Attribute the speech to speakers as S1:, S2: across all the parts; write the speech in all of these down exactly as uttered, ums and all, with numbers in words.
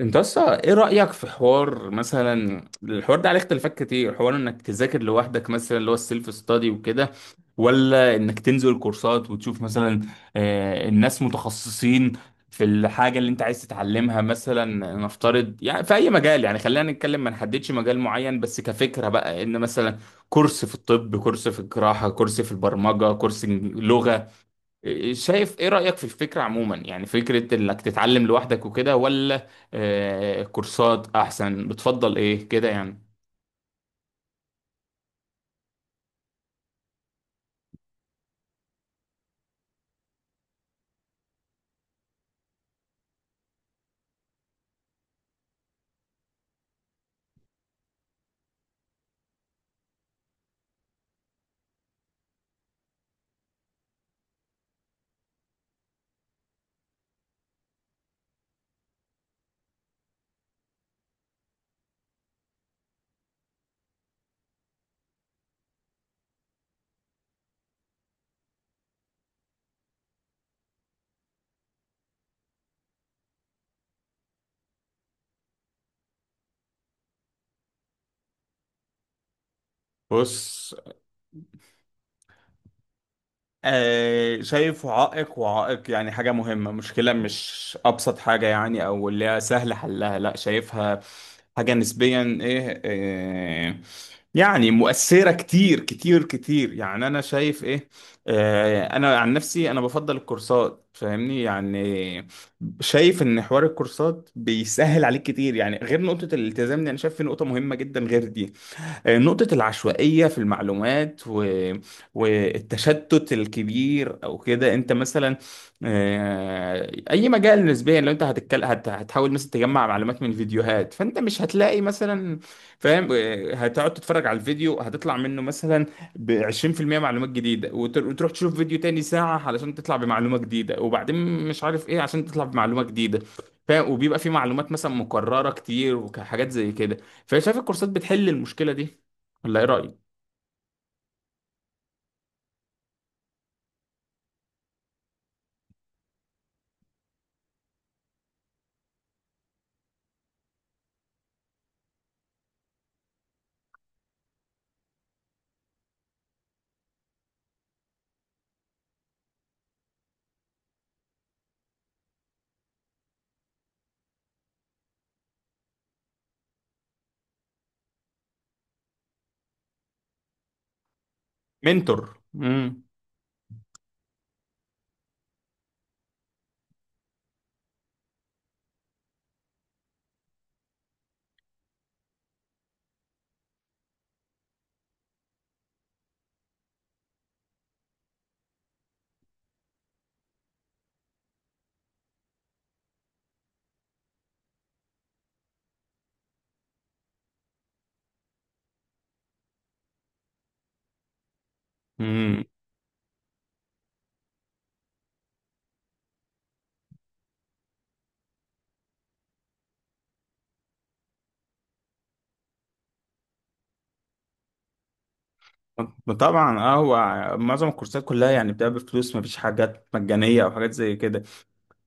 S1: انت اصلا ايه رأيك في حوار مثلا؟ الحوار ده عليه اختلافات كتير، حوار انك تذاكر لوحدك مثلا اللي هو السيلف ستادي وكده، ولا انك تنزل كورسات وتشوف مثلا آه، الناس متخصصين في الحاجة اللي انت عايز تتعلمها مثلا؟ نفترض يعني في اي مجال، يعني خلينا نتكلم ما نحددش مجال معين، بس كفكرة بقى ان مثلا كورس في الطب، كورس في الجراحة، كورس في البرمجة، كورس لغة. شايف ايه رأيك في الفكرة عموما؟ يعني فكرة انك تتعلم لوحدك وكده، ولا آه، كورسات احسن؟ بتفضل ايه كده يعني؟ بص، آه، شايفه عائق، وعائق يعني حاجة مهمة، مشكلة مش أبسط حاجة يعني أو اللي هي سهل حلها. لا، شايفها حاجة نسبيا إيه، آه، يعني مؤثرة كتير كتير كتير يعني. أنا شايف إيه، آه، أنا عن نفسي أنا بفضل الكورسات، فاهمني يعني؟ شايف إن حوار الكورسات بيسهل عليك كتير يعني. غير نقطة الالتزام دي أنا شايف في نقطة مهمة جدا غير دي، آه، نقطة العشوائية في المعلومات و... والتشتت الكبير أو كده. أنت مثلا آه، أي مجال نسبيا لو أنت هتتكلم هت... هتحاول مثلا تجمع معلومات من فيديوهات، فأنت مش هتلاقي مثلا فاهم. آه، هتقعد تتفرج على الفيديو، هتطلع منه مثلا ب عشرين في المية معلومات جديدة، وت- وتروح تشوف فيديو تاني ساعة علشان تطلع بمعلومة جديدة، وبعدين مش عارف إيه عشان تطلع بمعلومة جديدة فاهم. وبيبقى في معلومات مثلا مكررة كتير وحاجات زي كده. فشايف الكورسات بتحل المشكلة دي، ولا ايه رأيك؟ منتور. امم. امم. طبعا اه. هو معظم الكورسات كلها يعني بتبقى بفلوس، مفيش حاجات مجانية او حاجات زي كده.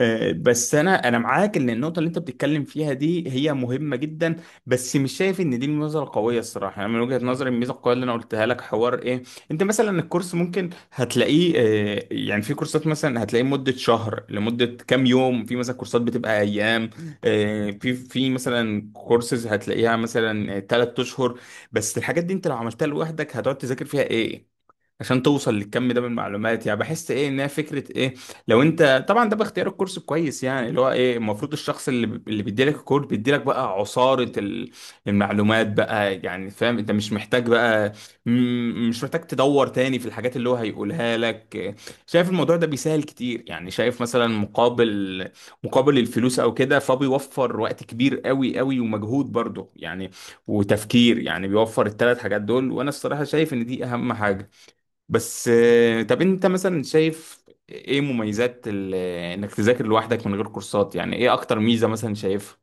S1: آه، بس انا انا معاك ان النقطه اللي انت بتتكلم فيها دي هي مهمه جدا، بس مش شايف ان دي النظره القويه الصراحه. يعني من وجهه نظري الميزه القويه اللي انا قلتها لك حوار ايه، انت مثلا الكورس ممكن هتلاقيه آه، يعني في كورسات مثلا هتلاقيه مده شهر، لمده كام يوم في مثلا كورسات بتبقى ايام، آه، في في مثلا كورسز هتلاقيها مثلا ثلاثة اشهر. بس الحاجات دي انت لو عملتها لوحدك هتقعد تذاكر فيها ايه عشان توصل للكم ده من المعلومات؟ يعني بحس ايه انها فكره ايه. لو انت طبعا ده باختيار الكورس كويس، يعني اللي هو ايه، المفروض الشخص اللي ب- اللي بيديلك الكورس بيديلك بقى عصاره ال- المعلومات بقى، يعني فاهم؟ انت مش محتاج بقى، م- مش محتاج تدور تاني في الحاجات اللي هو هيقولها لك. شايف الموضوع ده بيسهل كتير يعني، شايف مثلا مقابل، مقابل الفلوس او كده، فبيوفر وقت كبير قوي قوي ومجهود برضه يعني، وتفكير، يعني بيوفر الثلاث حاجات دول، وانا الصراحه شايف ان دي اهم حاجه. بس آه، طب انت مثلا شايف ايه مميزات ال- انك تذاكر لوحدك من غير كورسات؟ يعني ايه اكتر ميزة مثلا شايفها؟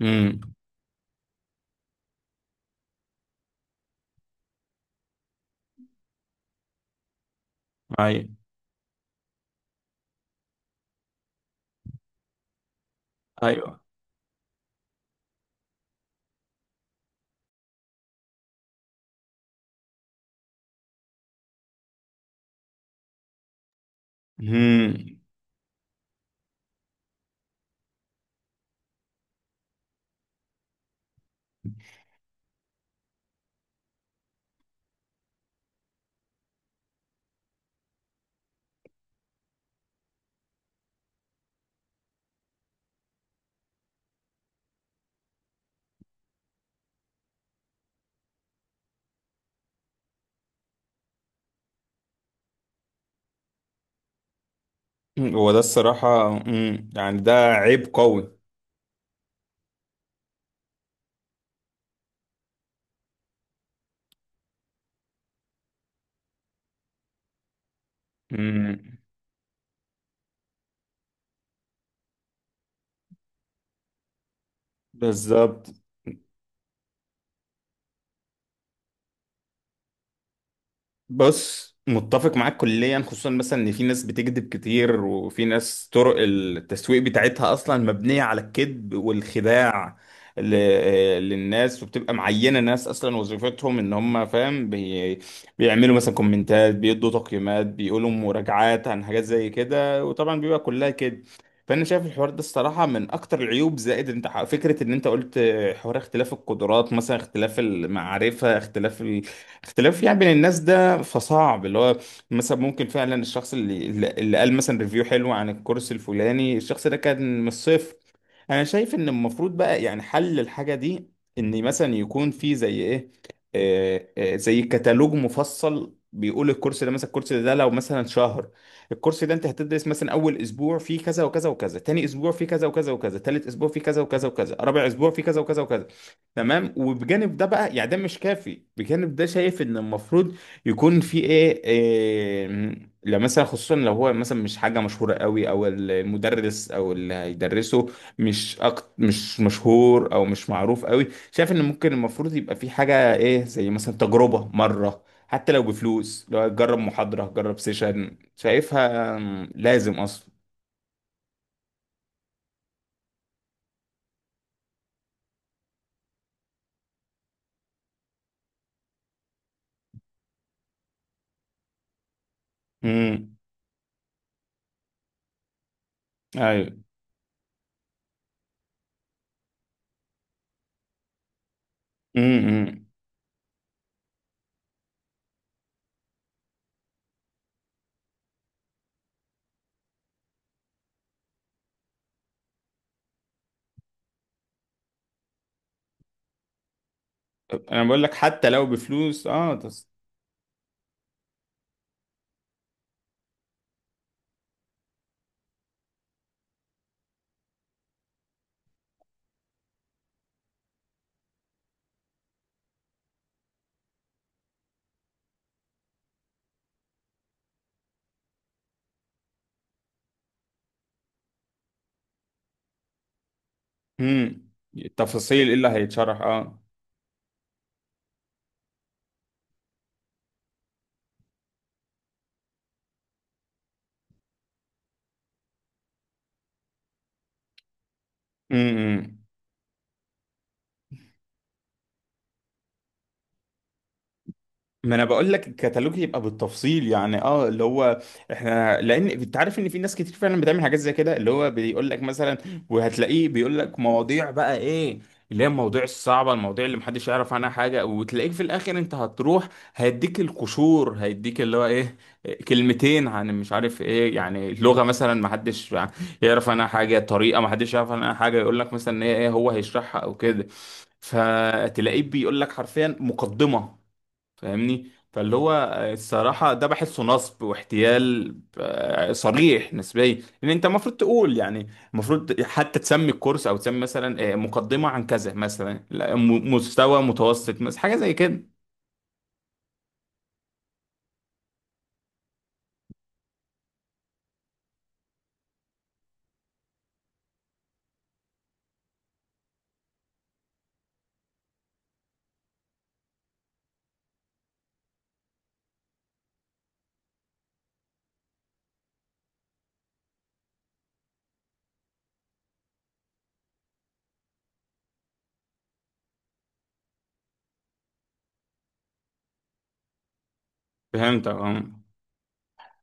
S1: امم. ايوه. ايوه. امم. هو ده الصراحة، امم، يعني ده عيب قوي. امم. بالظبط. بص، متفق معاك كليا، خصوصا مثلا ان في ناس بتكذب كتير، وفي ناس طرق التسويق بتاعتها اصلا مبنية على الكذب والخداع ل- للناس. وبتبقى معينة ناس اصلا وظيفتهم ان هم فاهم، بي... بيعملوا مثلا كومنتات، بيدوا تقييمات، بيقولوا مراجعات عن حاجات زي كده، وطبعا بيبقى كلها كذب. فانا شايف الحوار ده الصراحه من اكتر العيوب. زائد انت ح- فكره ان انت قلت حوار اختلاف القدرات مثلا، اختلاف المعرفه، اختلاف ال... اختلاف يعني بين الناس ده كده، فصعب اللي هو مثلا ممكن فعلا الشخص اللي، اللي قال مثلا ريفيو حلو عن الكورس الفلاني، الشخص ده كان من الصفر. انا شايف ان المفروض بقى يعني حل الحاجة دي ان مثلا يكون في زي ايه، آه، آه، زي كتالوج مفصل بيقول الكورس ده، مثلا الكورس ده لو مثلا شهر، الكورس ده انت هتدرس مثلا اول اسبوع فيه كذا وكذا وكذا، تاني اسبوع فيه كذا وكذا وكذا، تالت اسبوع فيه كذا وكذا وكذا، رابع اسبوع فيه كذا وكذا وكذا. تمام؟ وبجانب ده بقى يعني ده مش كافي، بجانب ده شايف ان المفروض يكون في ايه, إيه، لو مثلا خصوصا لو هو مثلا مش حاجه مشهوره قوي، او المدرس او اللي هيدرسه مش أكت مش مشهور او مش معروف قوي، شايف ان ممكن المفروض يبقى في حاجه ايه زي مثلا تجربه مره، حتى لو بفلوس، لو جرب محاضره، جرب سيشن. شايفها مم، لازم اصلا. امم. ايوه. امم. انا بقول لك حتى لو بفلوس اه تس... امم. التفاصيل ايه اللي هيتشرح اه. امم. ما انا بقول لك الكتالوج يبقى بالتفصيل يعني اه اللي هو احنا، لان انت عارف ان في ناس كتير فعلا بتعمل حاجات زي كده، اللي هو بيقول لك مثلا، وهتلاقيه بيقول لك مواضيع بقى ايه، اللي هي المواضيع الصعبه، المواضيع اللي محدش يعرف عنها حاجه، وتلاقيك في الاخر انت هتروح هيديك القشور، هيديك اللي هو ايه، كلمتين عن مش عارف ايه، يعني لغه مثلا محدش يعرف عنها حاجه، طريقه محدش يعرف عنها حاجه، يقول لك مثلا إن هي ايه هو هيشرحها او كده، فتلاقيه بيقول لك حرفيا مقدمه. فاهمني؟ فاللي هو الصراحة ده بحسه نصب واحتيال، آه، صريح نسبيا، لأن أنت المفروض تقول يعني. المفروض حتى تسمي الكورس أو تسمي مثلا آه، مقدمة عن كذا مثلا، لا، م- مستوى متوسط مثلا، حاجة زي كده. فهمت اه.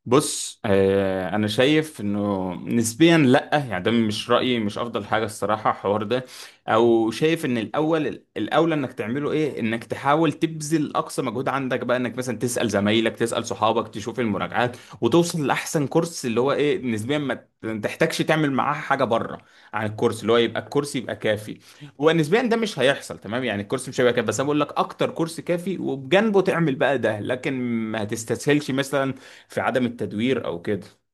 S1: بص، آه انا شايف انه نسبيا لا، يعني ده مش رايي مش افضل حاجه الصراحه الحوار ده، او شايف ان الاول الاولى انك تعمله ايه، انك تحاول تبذل اقصى مجهود عندك بقى، انك مثلا تسال زمايلك، تسال صحابك، تشوف المراجعات، وتوصل لاحسن كورس، اللي هو ايه نسبيا ما تحتاجش تعمل معاه حاجه بره عن الكورس، اللي هو يبقى الكورس يبقى كافي. ونسبيا ده مش هيحصل، تمام؟ يعني الكورس مش هيبقى كافي، بس انا بقول لك اكتر كورس كافي وبجنبه تعمل بقى ده، لكن ما تستسهلش مثلا في عدم التدوير او كده.